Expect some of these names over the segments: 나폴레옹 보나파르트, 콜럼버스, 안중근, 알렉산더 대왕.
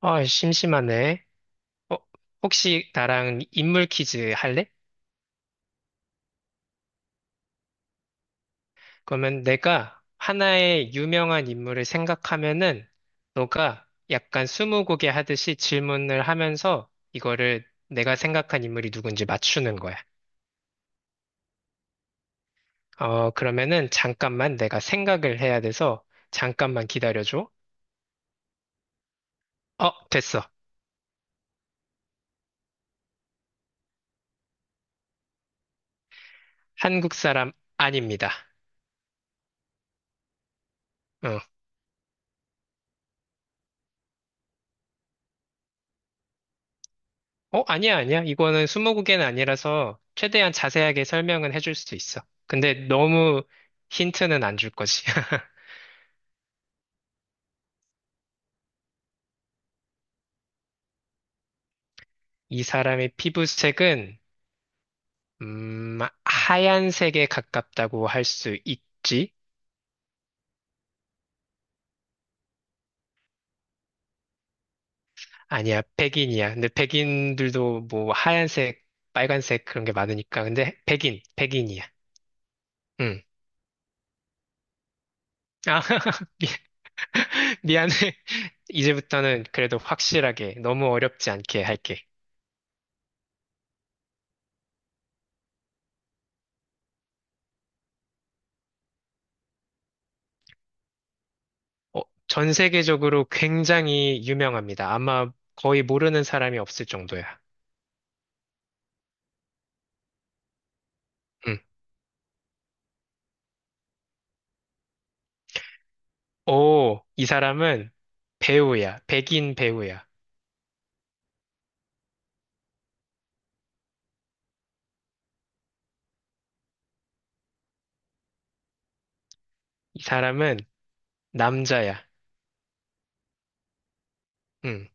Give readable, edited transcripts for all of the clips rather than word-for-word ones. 어, 심심하네. 어, 혹시 나랑 인물 퀴즈 할래? 그러면 내가 하나의 유명한 인물을 생각하면은 너가 약간 스무고개 하듯이 질문을 하면서 이거를 내가 생각한 인물이 누군지 맞추는 거야. 어, 그러면은 잠깐만 내가 생각을 해야 돼서 잠깐만 기다려줘. 어, 됐어. 한국 사람 아닙니다. 어. 어, 아니야, 아니야. 이거는 스무고개는 아니라서 최대한 자세하게 설명은 해줄 수 있어. 근데 너무 힌트는 안 줄 거지. 이 사람의 피부색은, 음, 하얀색에 가깝다고 할 수 있지? 아니야, 백인이야. 근데 백인들도 뭐 하얀색, 빨간색 그런 게 많으니까. 근데 백인, 백인이야. 응. 아, 미- 미안해. 이제부터는 그래도 확실하게, 너무 어렵지 않게 할게. 어, 전 세계적으로 굉장히 유명합니다. 아마 거의 모르는 사람이 없을 정도야. 응. 오, 이 사람은 배우야. 백인 배우야. 이 사람은 남자야. 응.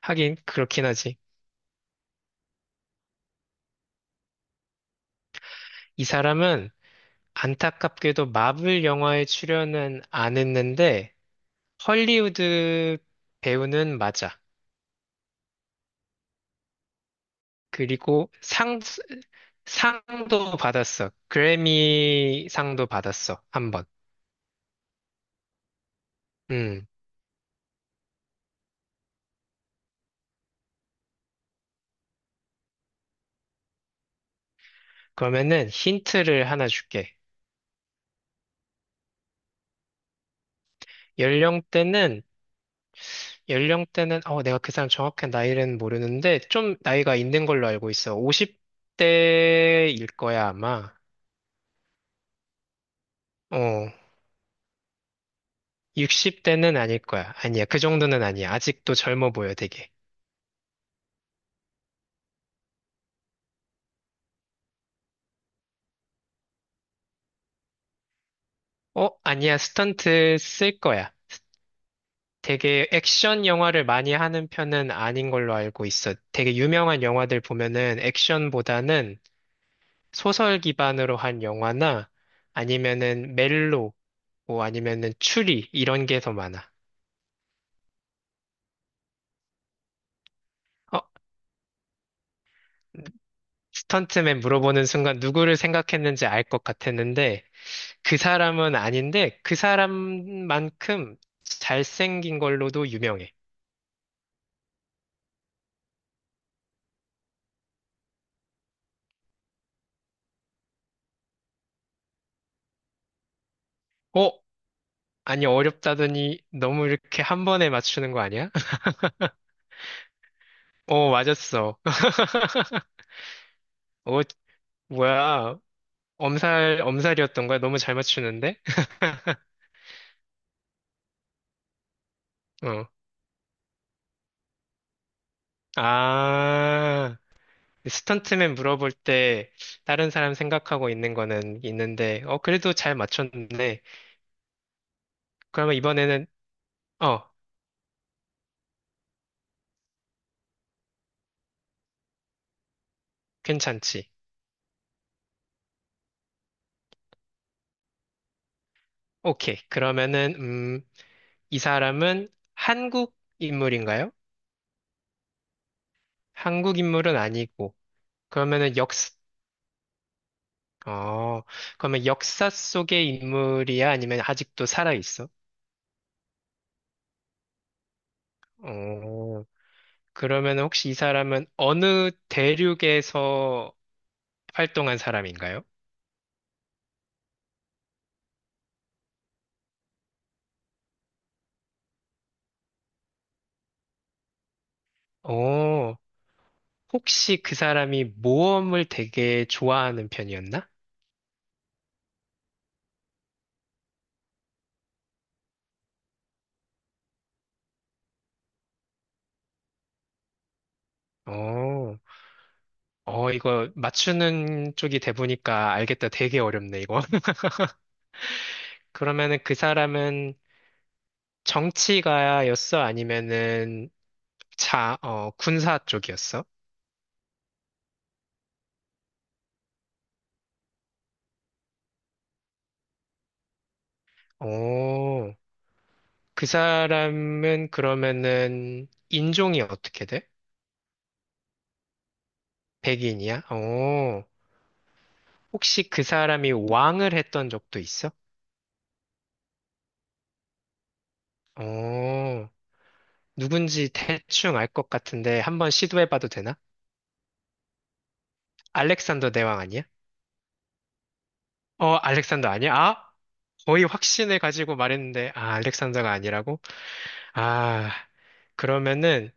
하긴 그렇긴 하지. 이 사람은 안타깝게도 마블 영화에 출연은 안 했는데 헐리우드 배우는 맞아. 그리고 상 상도 받았어. 그래미 상도 받았어. 한 번. 음. 그러면은 힌트를 하나 줄게. 연령대는, 연령대는, 어, 내가 그 사람 정확한 나이는 모르는데, 좀 나이가 있는 걸로 알고 있어. 50대일 거야, 아마. 어, 60대는 아닐 거야. 아니야, 그 정도는 아니야. 아직도 젊어 보여, 되게. 어, 아니야, 스턴트 쓸 거야. 되게 액션 영화를 많이 하는 편은 아닌 걸로 알고 있어. 되게 유명한 영화들 보면은 액션보다는 소설 기반으로 한 영화나 아니면은 멜로, 뭐 아니면은 추리 이런 게 더 많아. 어, 스턴트맨 물어보는 순간 누구를 생각했는지 알 것 같았는데 그 사람은 아닌데 그 사람만큼 잘생긴 걸로도 유명해. 어? 아니 어렵다더니 너무 이렇게 한 번에 맞추는 거 아니야? 어, 맞았어. 어, 뭐야. 엄살이었던 거야? 너무 잘 맞추는데? 어. 아. 그 스턴트맨 물어볼 때 다른 사람 생각하고 있는 거는 있는데, 어, 그래도 잘 맞췄네. 그러면 이번에는, 어, 괜찮지. 오케이. 그러면은, 음, 이 사람은 한국 인물인가요? 한국 인물은 아니고. 그러면은 역, 어, 그러면 역사 속의 인물이야? 아니면 아직도 살아있어? 어, 그러면 혹시 이 사람은 어느 대륙에서 활동한 사람인가요? 오. 혹시 그 사람이 모험을 되게 좋아하는 편이었나? 어, 어, 이거 맞추는 쪽이 돼보니까 알겠다. 되게 어렵네, 이거. 그러면은 그 사람은 정치가였어? 아니면은 자, 어, 군사 쪽이었어? 오, 그 사람은 그러면은 인종이 어떻게 돼? 백인이야? 오, 혹시 그 사람이 왕을 했던 적도 있어? 오, 누군지 대충 알 것 같은데 한번 시도해봐도 되나? 알렉산더 대왕 아니야? 어, 알렉산더 아니야? 아, 거의 확신을 가지고 말했는데, 아, 알렉산더가 아니라고? 아, 그러면은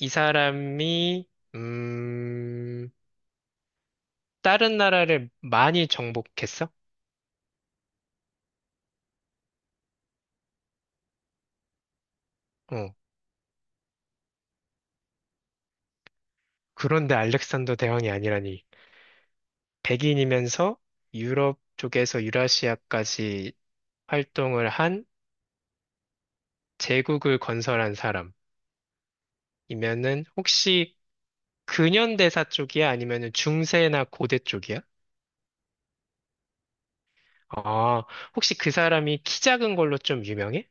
이 사람이, 음, 다른 나라를 많이 정복했어? 어, 그런데 알렉산더 대왕이 아니라니. 백인이면서 유럽 쪽에서 유라시아까지 활동을 한 제국을 건설한 사람. 이면은 혹시 근현대사 쪽이야? 아니면은 중세나 고대 쪽이야? 아, 혹시 그 사람이 키 작은 걸로 좀 유명해?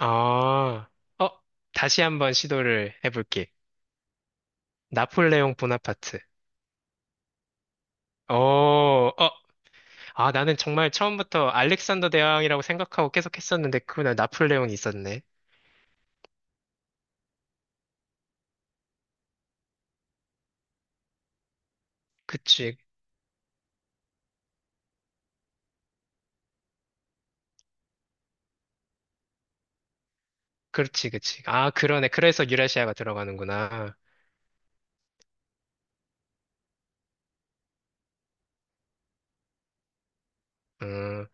아, 어, 다시 한번 시도를 해볼게. 나폴레옹 보나파트. 어, 어, 아, 나는 정말 처음부터 알렉산더 대왕이라고 생각하고 계속 했었는데, 그날 나폴레옹이 있었네. 그치, 그렇지, 그치. 아, 그러네. 그래서 유라시아가 들어가는구나. 음,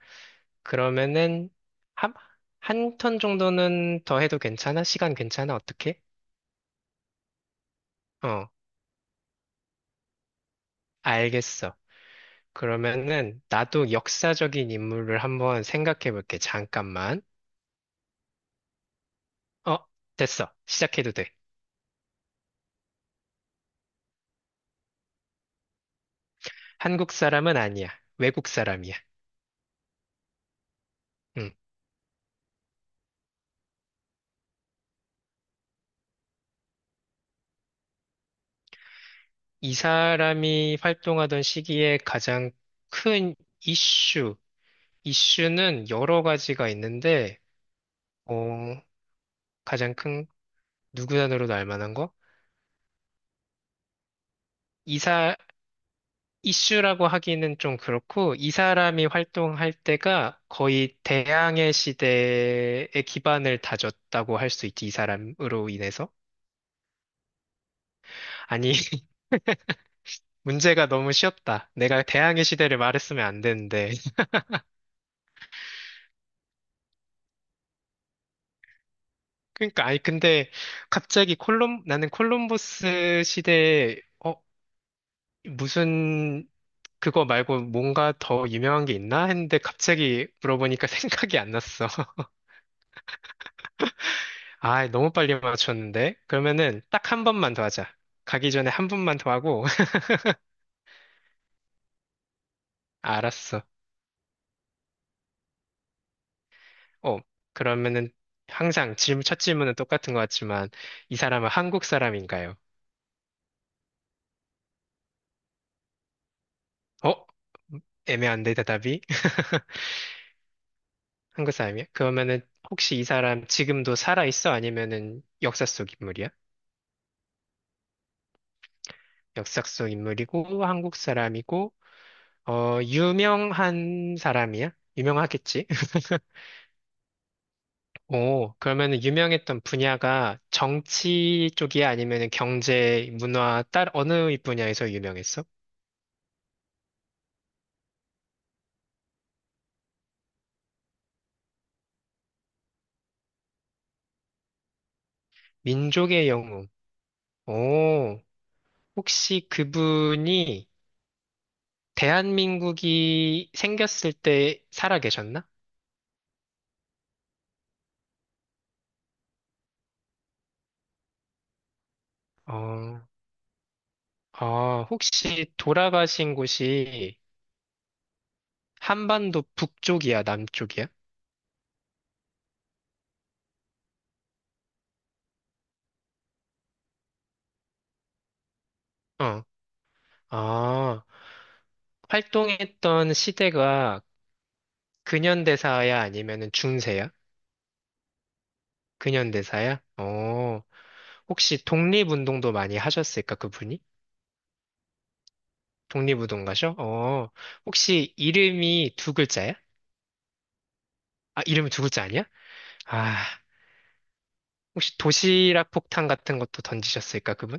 그러면은 한, 한 턴 정도는 더 해도 괜찮아? 시간 괜찮아? 어떻게? 어, 알겠어. 그러면은 나도 역사적인 인물을 한번 생각해 볼게. 잠깐만. 어, 됐어. 시작해도 돼. 한국 사람은 아니야. 외국 사람이야. 음. 이 사람이 활동하던 시기에 가장 큰 이슈, 이슈는 여러 가지가 있는데, 어, 가장 큰 누구 단어로도 알 만한 거? 이사, 이슈라고 하기는 좀 그렇고, 이 사람이 활동할 때가 거의 대항해 시대의 기반을 다졌다고 할 수 있지, 이 사람으로 인해서. 아니, 문제가 너무 쉬웠다. 내가 대항해 시대를 말했으면 안 되는데. 그러니까, 아니, 근데 갑자기 나는 콜럼버스 시대에, 어, 무슨, 그거 말고 뭔가 더 유명한 게 있나? 했는데 갑자기 물어보니까 생각이 안 났어. 아, 너무 빨리 맞췄는데? 그러면은 딱 한 번만 더 하자. 가기 전에 한 번만 더 하고. 알았어. 어, 그러면은 항상 질문, 첫 질문은 똑같은 것 같지만, 이 사람은 한국 사람인가요? 어? 애매한데, 대답이? 한국 사람이야? 그러면은 혹시 이 사람 지금도 살아 있어? 아니면은 역사 속 인물이야? 역사 속 인물이고, 한국 사람이고, 어, 유명한 사람이야? 유명하겠지? 오, 그러면은 유명했던 분야가 정치 쪽이야? 아니면은 경제, 문화, 딸 어느 분야에서 유명했어? 민족의 영웅. 오, 혹시 그분이 대한민국이 생겼을 때 살아 계셨나? 어, 아, 혹시 돌아가신 곳이 한반도 북쪽이야, 남쪽이야? 어, 아, 활동했던 시대가 근현대사야? 아니면은 중세야? 근현대사야? 어. 혹시 독립운동도 많이 하셨을까, 그분이? 독립운동가셔? 어, 혹시 이름이 두 글자야? 아, 이름이 두 글자 아니야? 아, 혹시 도시락 폭탄 같은 것도 던지셨을까, 그분?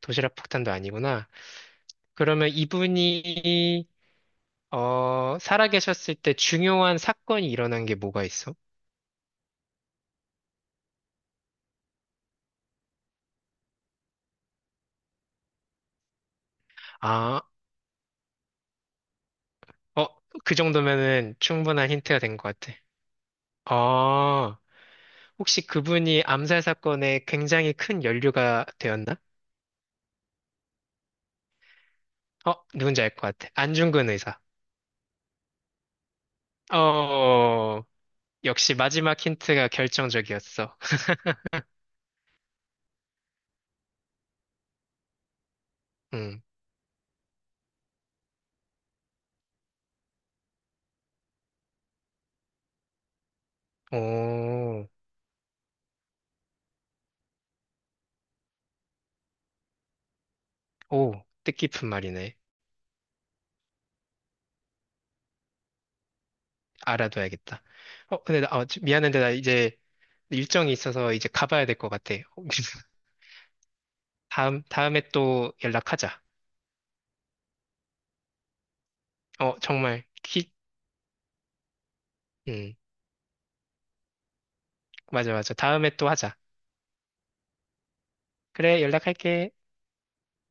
도시락 폭탄도 아니구나. 그러면 이분이, 어, 살아계셨을 때 중요한 사건이 일어난 게 뭐가 있어? 아, 어, 그 정도면은 충분한 힌트가 된 것 같아. 아, 혹시 그분이 암살 사건에 굉장히 큰 연루가 되었나? 어, 누군지 알 것 같아. 안중근 의사. 어, 역시 마지막 힌트가 결정적이었어. 음, 오, 오, 뜻깊은 말이네. 알아둬야겠다. 어, 근데 나, 어, 미안한데 나 이제 일정이 있어서 이제 가봐야 될 것 같아. 다음에 또 연락하자. 어, 정말, 키, 음, 맞아, 맞아. 다음에 또 하자. 그래, 연락할게.